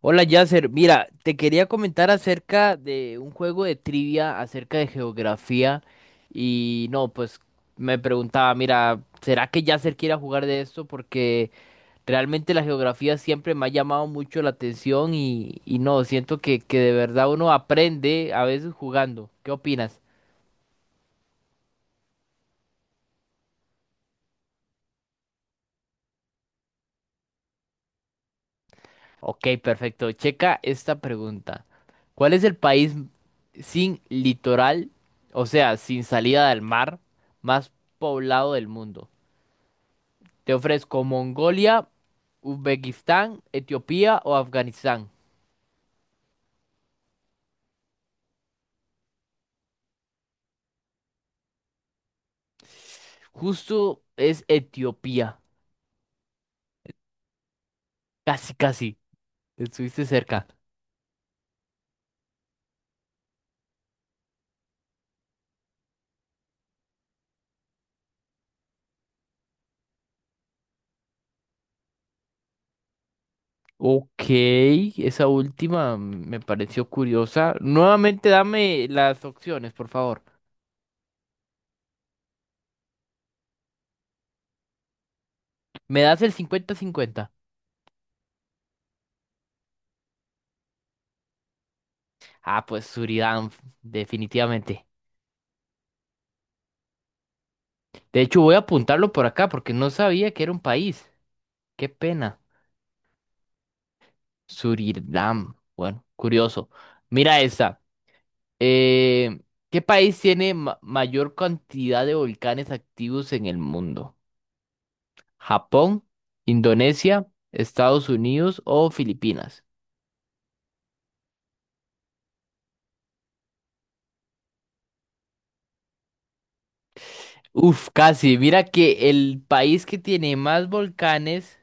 Hola Yasser, mira, te quería comentar acerca de un juego de trivia acerca de geografía y no, pues me preguntaba, mira, ¿será que Yasser quiera jugar de esto? Porque realmente la geografía siempre me ha llamado mucho la atención y no, siento que de verdad uno aprende a veces jugando. ¿Qué opinas? Ok, perfecto. Checa esta pregunta. ¿Cuál es el país sin litoral, o sea, sin salida del mar, más poblado del mundo? Te ofrezco Mongolia, Uzbekistán, Etiopía o Afganistán. Justo es Etiopía. Casi, casi. Estuviste cerca. Ok, esa última me pareció curiosa. Nuevamente dame las opciones, por favor. ¿Me das el 50-50? Ah, pues Surinam, definitivamente. De hecho, voy a apuntarlo por acá porque no sabía que era un país. Qué pena. Surinam. Bueno, curioso. Mira esta. Eh, ¿Qué país tiene mayor cantidad de volcanes activos en el mundo? ¿Japón, Indonesia, Estados Unidos o Filipinas? Uf, casi. Mira que el país que tiene más volcanes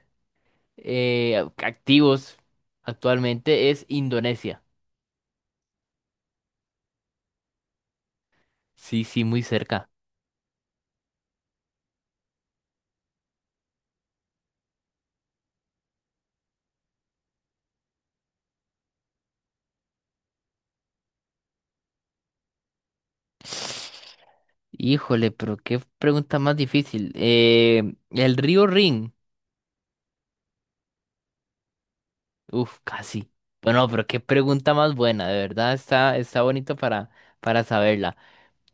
activos actualmente es Indonesia. Sí, sí, muy cerca. Híjole, pero qué pregunta más difícil. El río Rin. Uf, casi. Bueno, pero qué pregunta más buena, de verdad está bonito para saberla.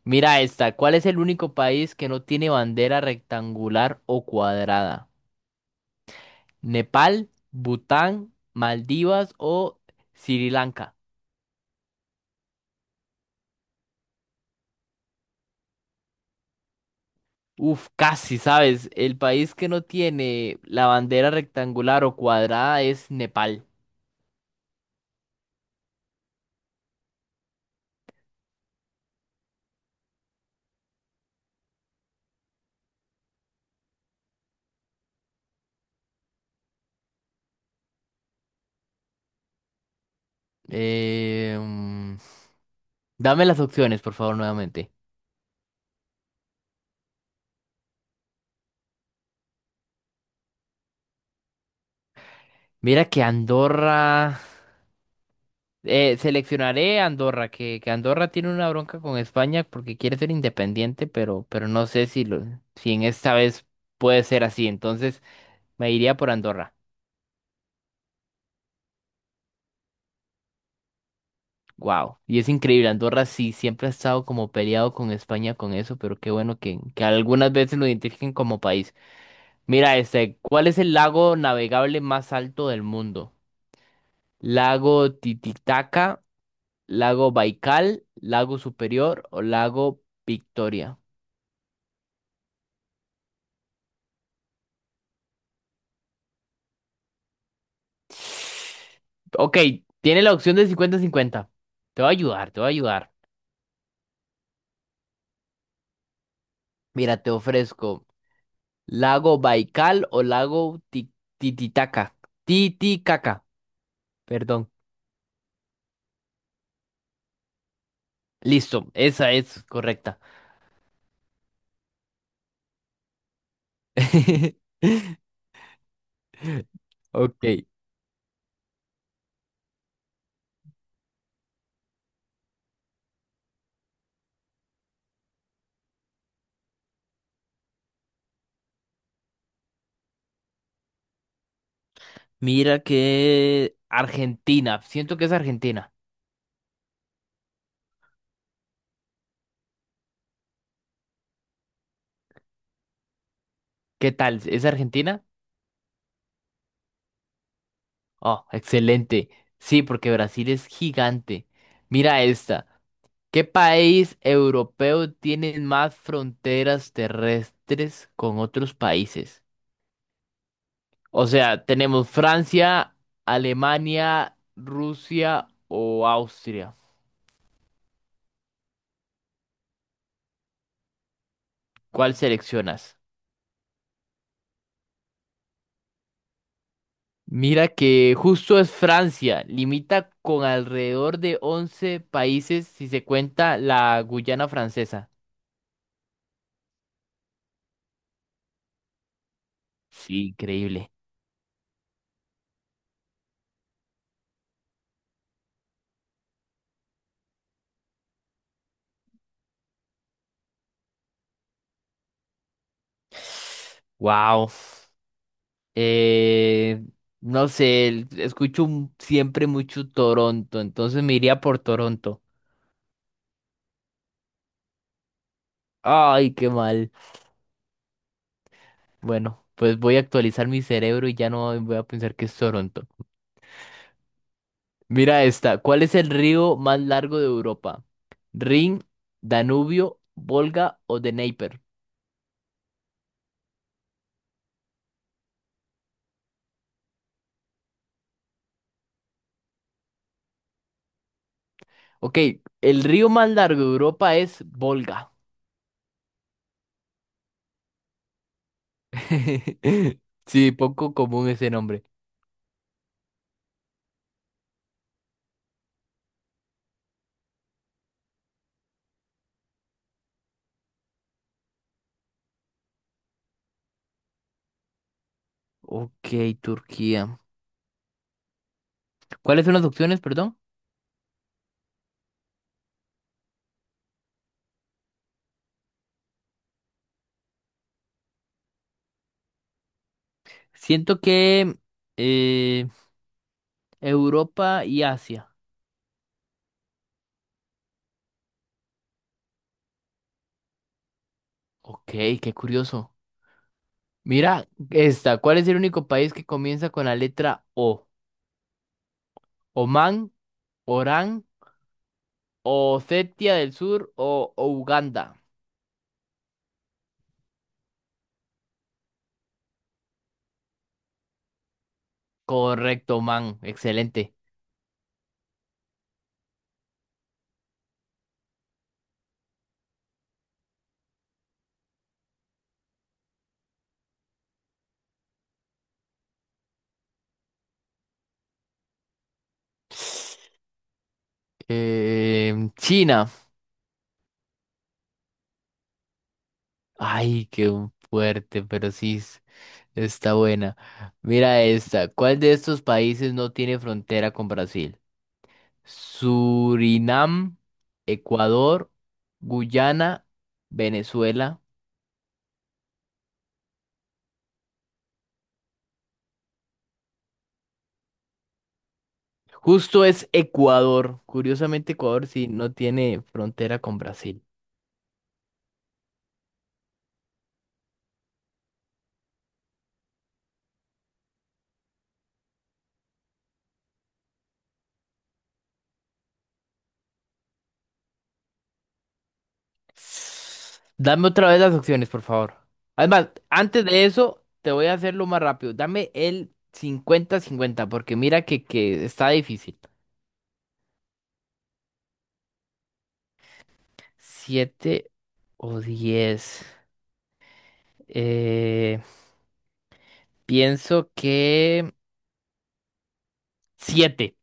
Mira esta, ¿cuál es el único país que no tiene bandera rectangular o cuadrada? ¿Nepal, Bután, Maldivas o Sri Lanka? Uf, casi, ¿sabes? El país que no tiene la bandera rectangular o cuadrada es Nepal. Eh, mm, Dame las opciones, por favor, nuevamente. Mira que Andorra. Seleccionaré Andorra, que Andorra tiene una bronca con España porque quiere ser independiente, pero no sé si en esta vez puede ser así. Entonces me iría por Andorra. Wow. Y es increíble, Andorra sí siempre ha estado como peleado con España con eso, pero qué bueno que algunas veces lo identifiquen como país. Mira, este, ¿cuál es el lago navegable más alto del mundo? ¿Lago Titicaca, lago Baikal, lago Superior o lago Victoria? Ok, tiene la opción de 50-50. Te voy a ayudar, te voy a ayudar. Mira, te ofrezco lago Baikal o lago Tititaca. Titicaca, perdón. Listo, esa es correcta. Ok, mira que Argentina. Siento que es Argentina. ¿Qué tal? ¿Es Argentina? Oh, excelente. Sí, porque Brasil es gigante. Mira esta. ¿Qué país europeo tiene más fronteras terrestres con otros países? O sea, tenemos Francia, Alemania, Rusia o Austria. ¿Cuál seleccionas? Mira que justo es Francia, limita con alrededor de 11 países si se cuenta la Guyana francesa. Sí, increíble. Wow. Eh, no sé, escucho siempre mucho Toronto, entonces me iría por Toronto. Ay, qué mal. Bueno, pues voy a actualizar mi cerebro y ya no voy a pensar que es Toronto. Mira esta, ¿cuál es el río más largo de Europa? ¿Rin, Danubio, Volga o Dnieper? Ok, el río más largo de Europa es Volga. Sí, poco común ese nombre. Ok, Turquía. ¿Cuáles son las opciones, perdón? Siento que eh, Europa y Asia. Ok, qué curioso. Mira esta. ¿Cuál es el único país que comienza con la letra O? ¿Oman, Orán, Osetia del Sur o Uganda? Correcto, man. Excelente. Em, China. Ay, qué fuerte, pero sí está buena. Mira esta. ¿Cuál de estos países no tiene frontera con Brasil? Surinam, Ecuador, Guyana, Venezuela. Justo es Ecuador. Curiosamente, Ecuador sí no tiene frontera con Brasil. Dame otra vez las opciones, por favor. Además, antes de eso, te voy a hacerlo más rápido. Dame el 50-50, porque mira que está difícil. 7 o 10. Eh, pienso que 7.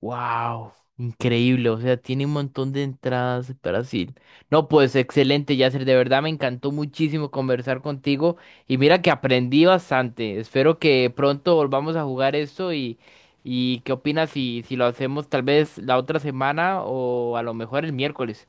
Wow, increíble, o sea, tiene un montón de entradas Brasil. No, pues excelente, Yasser, de verdad me encantó muchísimo conversar contigo y mira que aprendí bastante. Espero que pronto volvamos a jugar esto y ¿qué opinas si lo hacemos tal vez la otra semana o a lo mejor el miércoles?